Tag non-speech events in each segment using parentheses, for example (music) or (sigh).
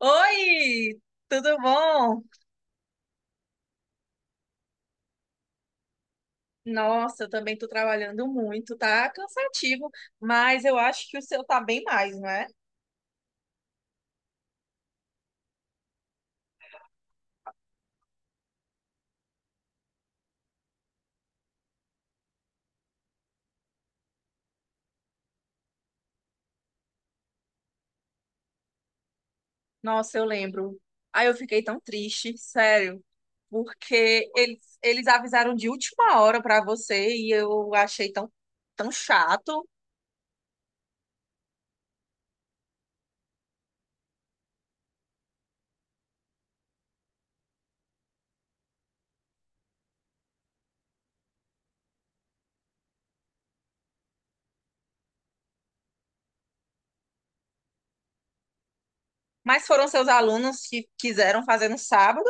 Oi, tudo bom? Nossa, eu também tô trabalhando muito, tá cansativo, mas eu acho que o seu tá bem mais, não é? Nossa, eu lembro. Aí eu fiquei tão triste, sério, porque eles avisaram de última hora pra você e eu achei tão, tão chato. Mas foram seus alunos que quiseram fazer no sábado?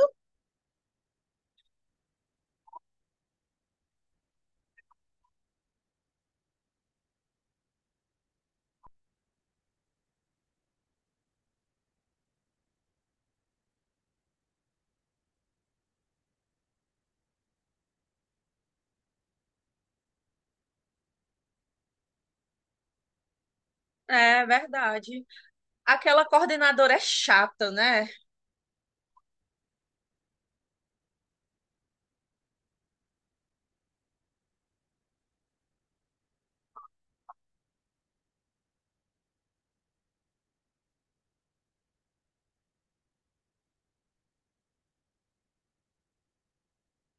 É verdade. Aquela coordenadora é chata, né?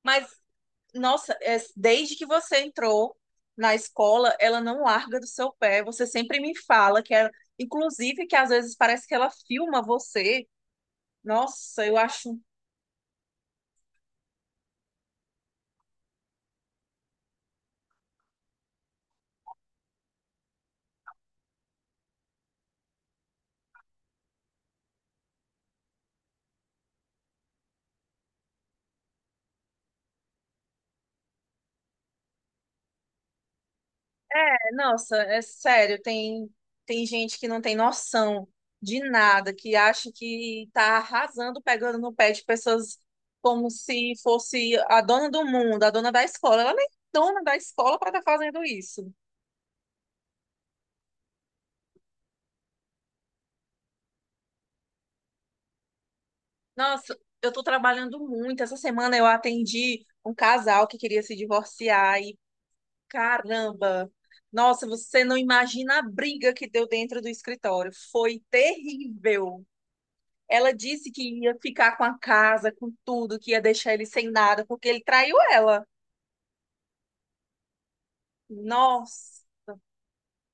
Mas, nossa, desde que você entrou na escola, ela não larga do seu pé. Você sempre me fala que ela, inclusive, que às vezes parece que ela filma você. Nossa, eu acho. Nossa, é sério, tem, tem gente que não tem noção de nada, que acha que tá arrasando, pegando no pé de pessoas como se fosse a dona do mundo, a dona da escola. Ela nem é dona da escola para estar fazendo isso. Nossa, eu tô trabalhando muito. Essa semana eu atendi um casal que queria se divorciar e caramba! Nossa, você não imagina a briga que deu dentro do escritório. Foi terrível. Ela disse que ia ficar com a casa, com tudo, que ia deixar ele sem nada, porque ele traiu ela. Nossa!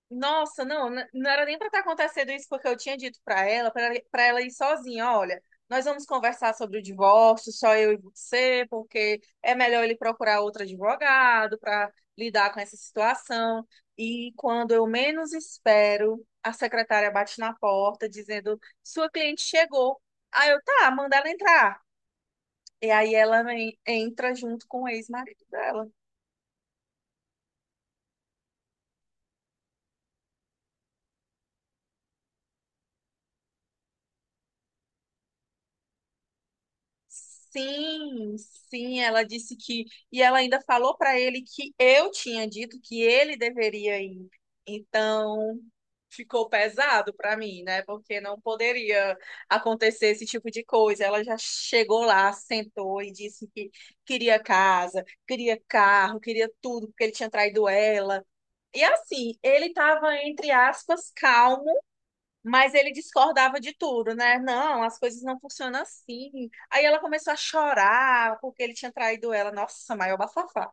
Nossa, não, não era nem para estar acontecendo isso, porque eu tinha dito para ela ir sozinha, olha, nós vamos conversar sobre o divórcio, só eu e você, porque é melhor ele procurar outro advogado para lidar com essa situação. E quando eu menos espero, a secretária bate na porta dizendo: "Sua cliente chegou". Aí eu, tá, manda ela entrar. E aí entra junto com o ex-marido dela. Sim, sim, ela disse que. E ela ainda falou para ele que eu tinha dito que ele deveria ir. Então, ficou pesado para mim, né? Porque não poderia acontecer esse tipo de coisa. Ela já chegou lá, sentou e disse que queria casa, queria carro, queria tudo, porque ele tinha traído ela. E assim, ele estava, entre aspas, calmo, mas ele discordava de tudo, né? Não, as coisas não funcionam assim. Aí ela começou a chorar porque ele tinha traído ela. Nossa, maior bafafá.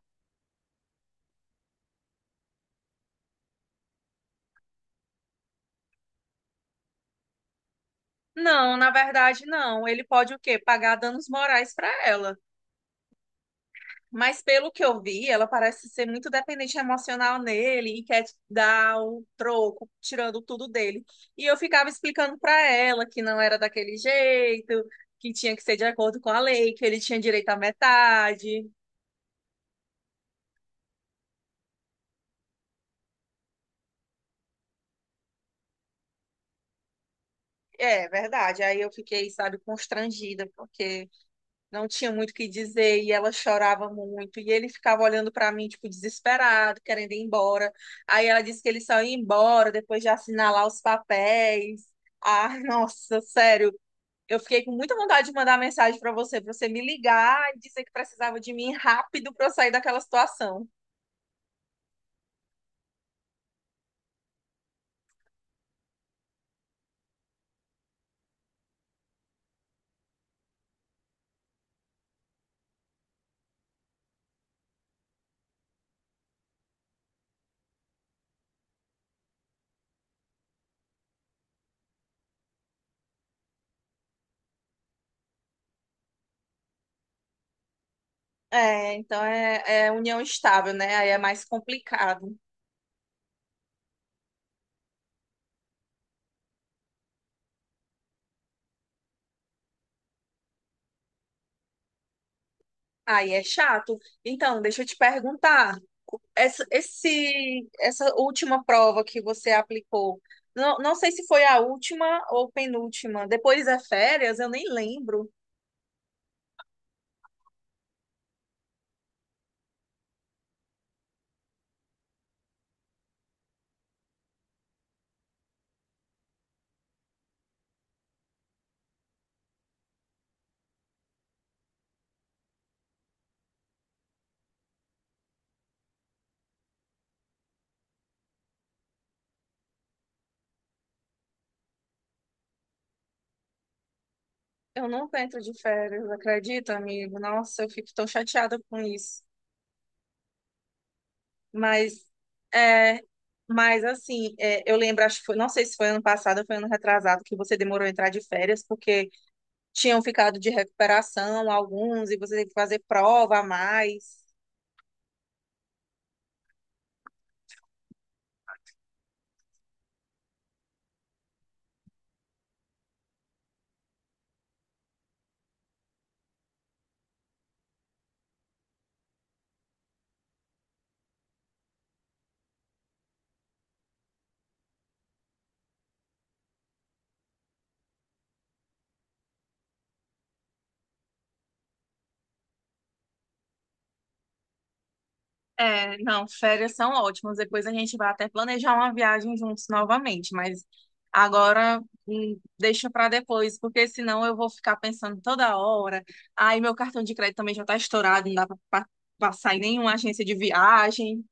Não, na verdade, não. Ele pode o quê? Pagar danos morais para ela. Mas pelo que eu vi, ela parece ser muito dependente emocional nele e quer dar o troco, tirando tudo dele. E eu ficava explicando para ela que não era daquele jeito, que tinha que ser de acordo com a lei, que ele tinha direito à metade. É verdade. Aí eu fiquei, sabe, constrangida, porque não tinha muito o que dizer e ela chorava muito. E ele ficava olhando para mim, tipo, desesperado, querendo ir embora. Aí ela disse que ele só ia embora depois de assinar lá os papéis. Ah, (laughs) nossa, sério. Eu fiquei com muita vontade de mandar mensagem para você, pra você me ligar e dizer que precisava de mim rápido para eu sair daquela situação. É, então é união estável, né? Aí é mais complicado. Aí é chato. Então, deixa eu te perguntar. Essa última prova que você aplicou, não, não sei se foi a última ou penúltima. Depois é férias, eu nem lembro. Eu nunca entro de férias, acredita, amigo? Nossa, eu fico tão chateada com isso. Mas, é, mas assim, é, eu lembro, acho que foi, não sei se foi ano passado ou foi ano retrasado que você demorou a entrar de férias, porque tinham ficado de recuperação alguns e você teve que fazer prova a mais. É, não, férias são ótimas. Depois a gente vai até planejar uma viagem juntos novamente, mas agora deixa para depois, porque senão eu vou ficar pensando toda hora. Aí meu cartão de crédito também já tá estourado, não dá para passar em nenhuma agência de viagem.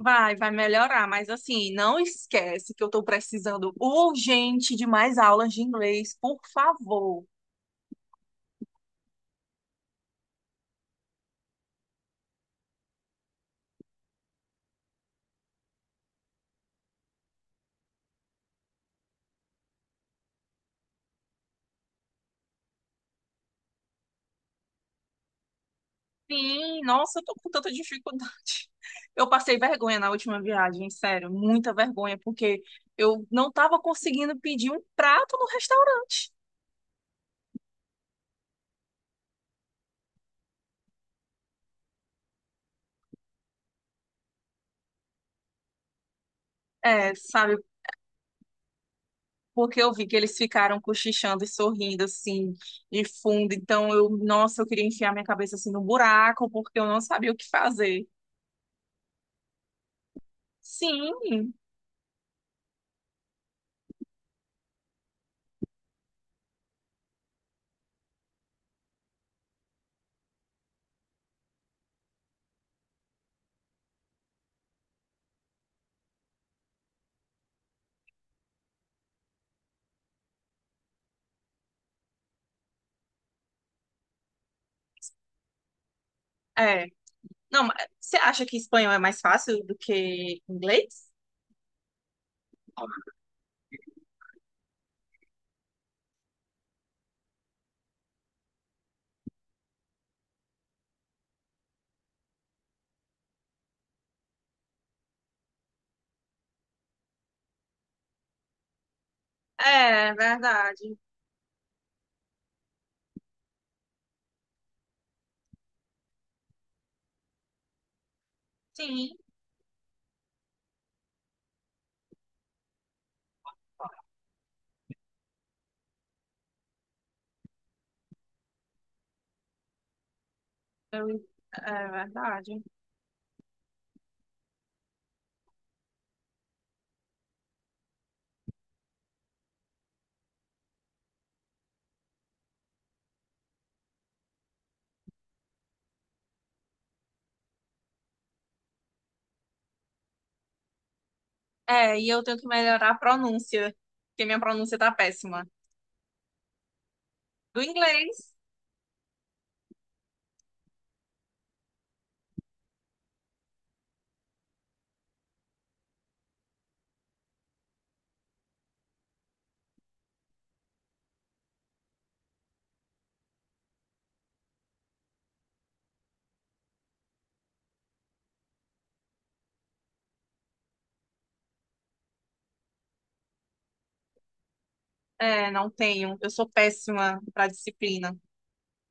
Vai, vai melhorar, mas assim, não esquece que eu tô precisando urgente de mais aulas de inglês, por favor. Sim, nossa, eu tô com tanta dificuldade. (laughs) Eu passei vergonha na última viagem, sério, muita vergonha, porque eu não tava conseguindo pedir um prato no restaurante. É, sabe, porque eu vi que eles ficaram cochichando e sorrindo assim, de fundo, então eu, nossa, eu queria enfiar minha cabeça assim no buraco, porque eu não sabia o que fazer. Sim, é. Não, mas você acha que espanhol é mais fácil do que inglês? É, verdade. Sim, eu, é verdade. É, e eu tenho que melhorar a pronúncia, porque minha pronúncia tá péssima. Do inglês, é, não tenho. Eu sou péssima pra disciplina.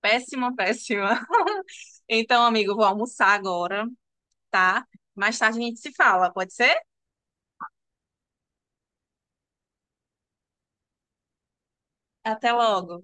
Péssima, péssima. (laughs) Então, amigo, eu vou almoçar agora, tá? Mais tarde a gente se fala, pode ser? Até logo.